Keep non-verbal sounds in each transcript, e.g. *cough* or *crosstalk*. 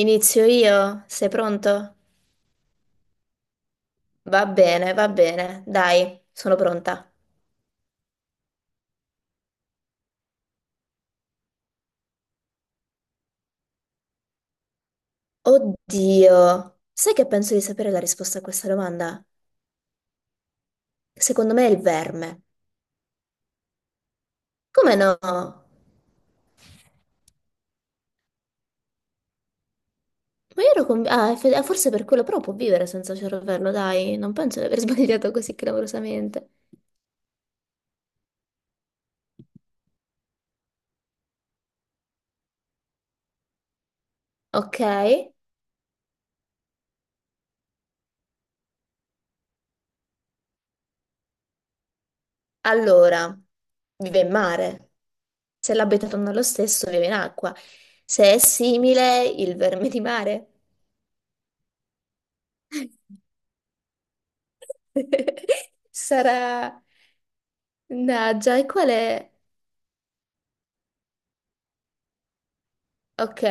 Inizio io? Sei pronto? Va bene, dai, sono pronta. Oddio, sai che penso di sapere la risposta a questa domanda? Secondo me è il verme. Come no? Ma io ero convinta... Ah, forse per quello, però può vivere senza cervello, dai, non penso di aver *laughs* sbagliato così clamorosamente. Ok, allora, vive in mare. Se l'habitat non è lo stesso, vive in acqua. Se è simile, il verme di mare. *laughs* *laughs* Sarà... Mannaggia, e qual è? Ok.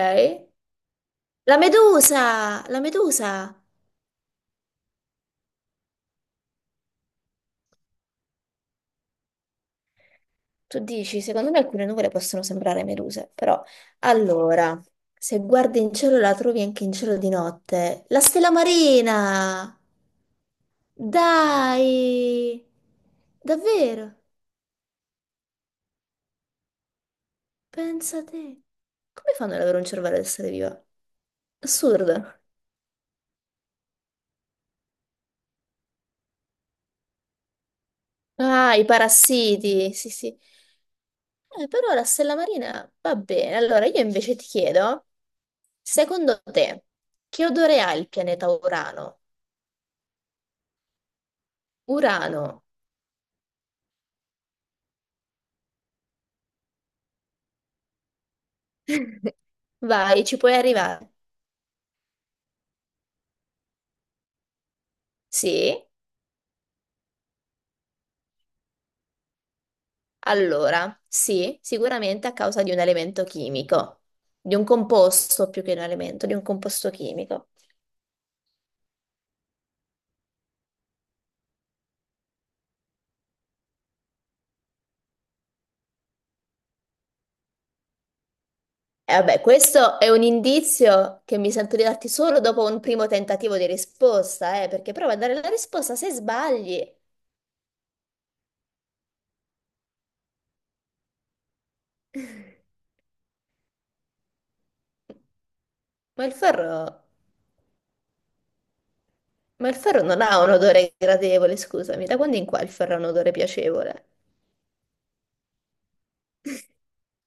La medusa! La medusa! Tu dici, secondo me alcune nuvole possono sembrare meduse, però... Allora, se guardi in cielo la trovi anche in cielo di notte. La stella marina! Dai! Davvero? Pensa a te. Come fanno ad avere un cervello ad essere viva? Assurdo. Ah, i parassiti! Sì, sì. Però la stella marina va bene. Allora io invece ti chiedo, secondo te, che odore ha il pianeta Urano? Urano. *laughs* Vai, ci puoi arrivare. Sì, allora, sì, sicuramente a causa di un elemento chimico, di un composto più che un elemento, di un composto chimico. E vabbè, questo è un indizio che mi sento di darti solo dopo un primo tentativo di risposta, perché prova a dare la risposta se sbagli. *laughs* Ma il ferro. Ma il ferro non ha un odore gradevole, scusami, da quando in qua il ferro ha un odore piacevole?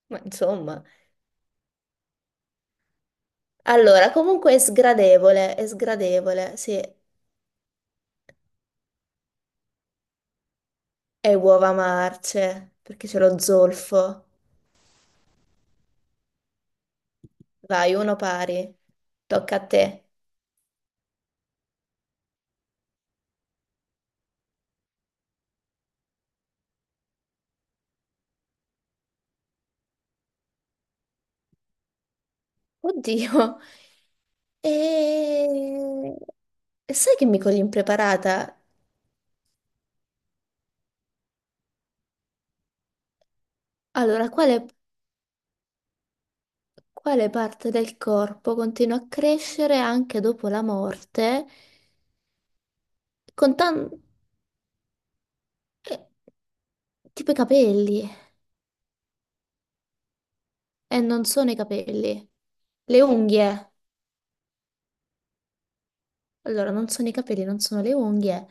Ma insomma, allora, comunque è sgradevole, sì, è uova marce, perché c'è lo zolfo. Vai, uno pari, tocca a te. Oddio, e... e sai che mi cogli impreparata? Allora, quale, quale parte del corpo continua a crescere anche dopo la morte? Con tanto. Eh, Tipo i capelli. Non sono i capelli. Le unghie. Allora, non sono i capelli, non sono le unghie.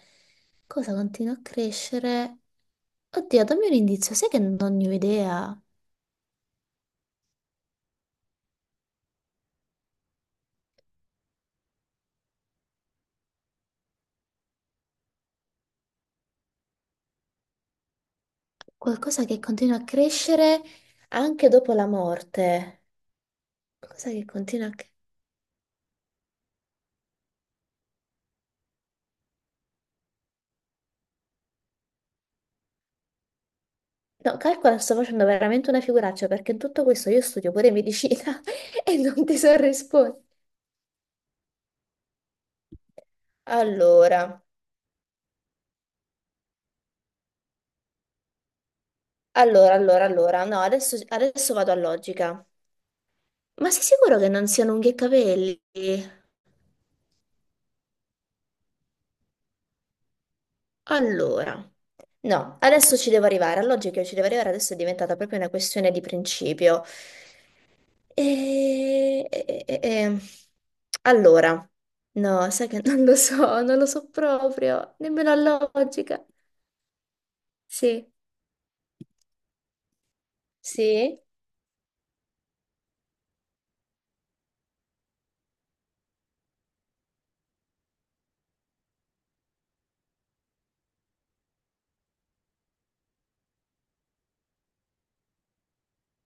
Cosa continua a crescere? Oddio, dammi un indizio. Sai che non ne ho idea. Qualcosa che continua a crescere anche dopo la morte. Qualcosa che continua a... No, calcola, sto facendo veramente una figuraccia perché in tutto questo io studio pure medicina *laughs* e non ti so rispondere. Allora, allora. No, adesso vado a logica. Ma sei sicuro che non siano unghie e capelli? Allora, no, adesso ci devo arrivare, la logica ci devo arrivare, adesso è diventata proprio una questione di principio. E... e- e- e- Allora, no, sai che non lo so, non lo so proprio, nemmeno la logica. Sì, sì.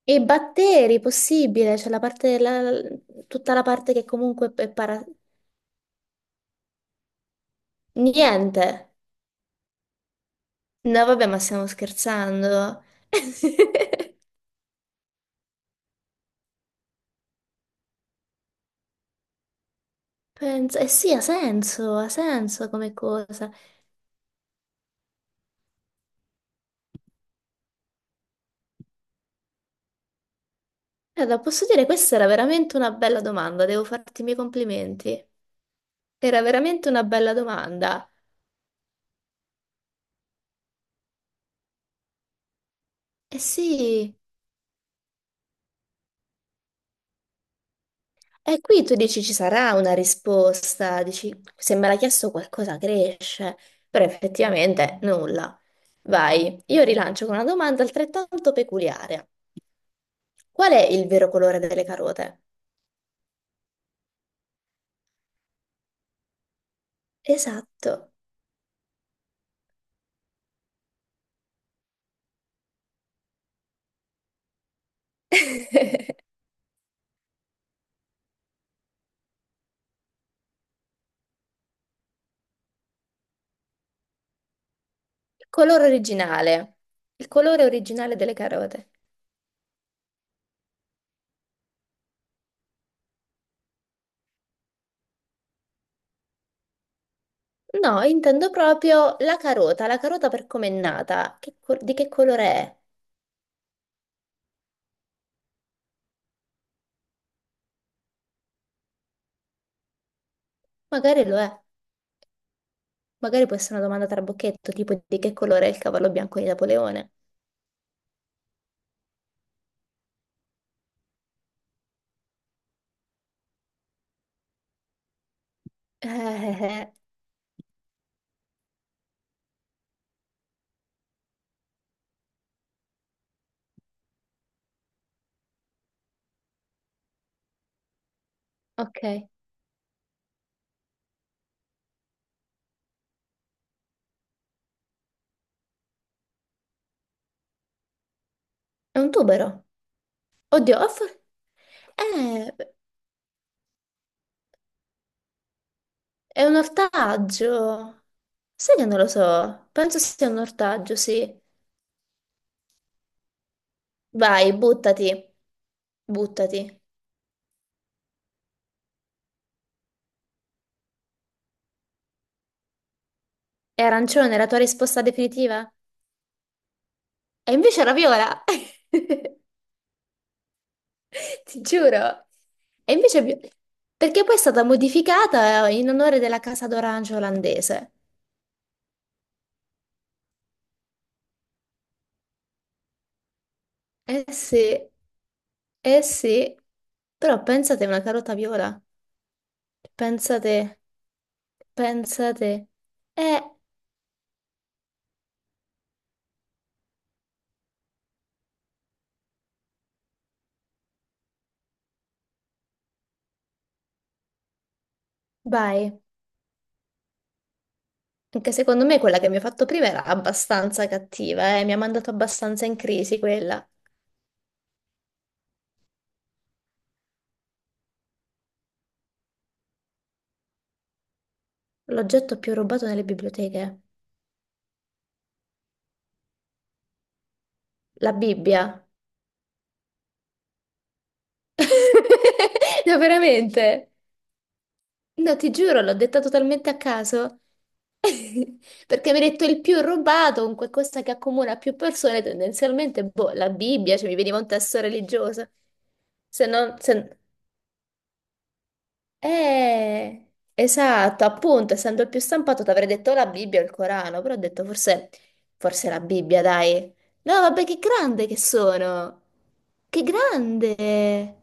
E i batteri, possibile, c'è la parte, tutta la parte che comunque è para... Niente. No, vabbè, ma stiamo scherzando. *laughs* Penso, eh sì, ha senso come cosa. Guarda, posso dire, questa era veramente una bella domanda, devo farti i miei complimenti. Era veramente una bella domanda. Eh sì, e qui tu dici ci sarà una risposta, dici se me l'ha chiesto qualcosa cresce, però effettivamente nulla. Vai, io rilancio con una domanda altrettanto peculiare. Qual è il vero colore delle carote? Esatto. *laughs* Colore originale. Il colore originale delle carote. No, intendo proprio la carota per come è nata. Di che colore è? Magari lo è. Magari può essere una domanda trabocchetto, tipo di che colore è il cavallo bianco di Napoleone. *laughs* Eh. Ok. È un tubero. Oddio, ho for- eh, è un ortaggio. Sai che non lo so. Penso sia un ortaggio, sì. Vai, buttati. Buttati. È arancione, la tua risposta definitiva? E invece Raviola, *laughs* ti giuro. E invece, perché poi è stata modificata in onore della casa d'orange olandese. Eh sì, eh sì. Però pensate una carota viola. Pensate, pensate. Eh, vai. Anche secondo me quella che mi ha fatto prima era abbastanza cattiva, eh. Mi ha mandato abbastanza in crisi quella. L'oggetto più rubato nelle biblioteche. La Bibbia. *laughs* No, veramente. No, ti giuro, l'ho detta totalmente a caso. *laughs* Perché mi hai detto il più rubato, un qualcosa che accomuna più persone, tendenzialmente, boh, la Bibbia, cioè mi veniva un testo religioso. Se non... esatto, appunto, essendo il più stampato, ti avrei detto la Bibbia o il Corano, però ho detto forse, forse la Bibbia, dai. No, vabbè, che grande che sono! Che grande!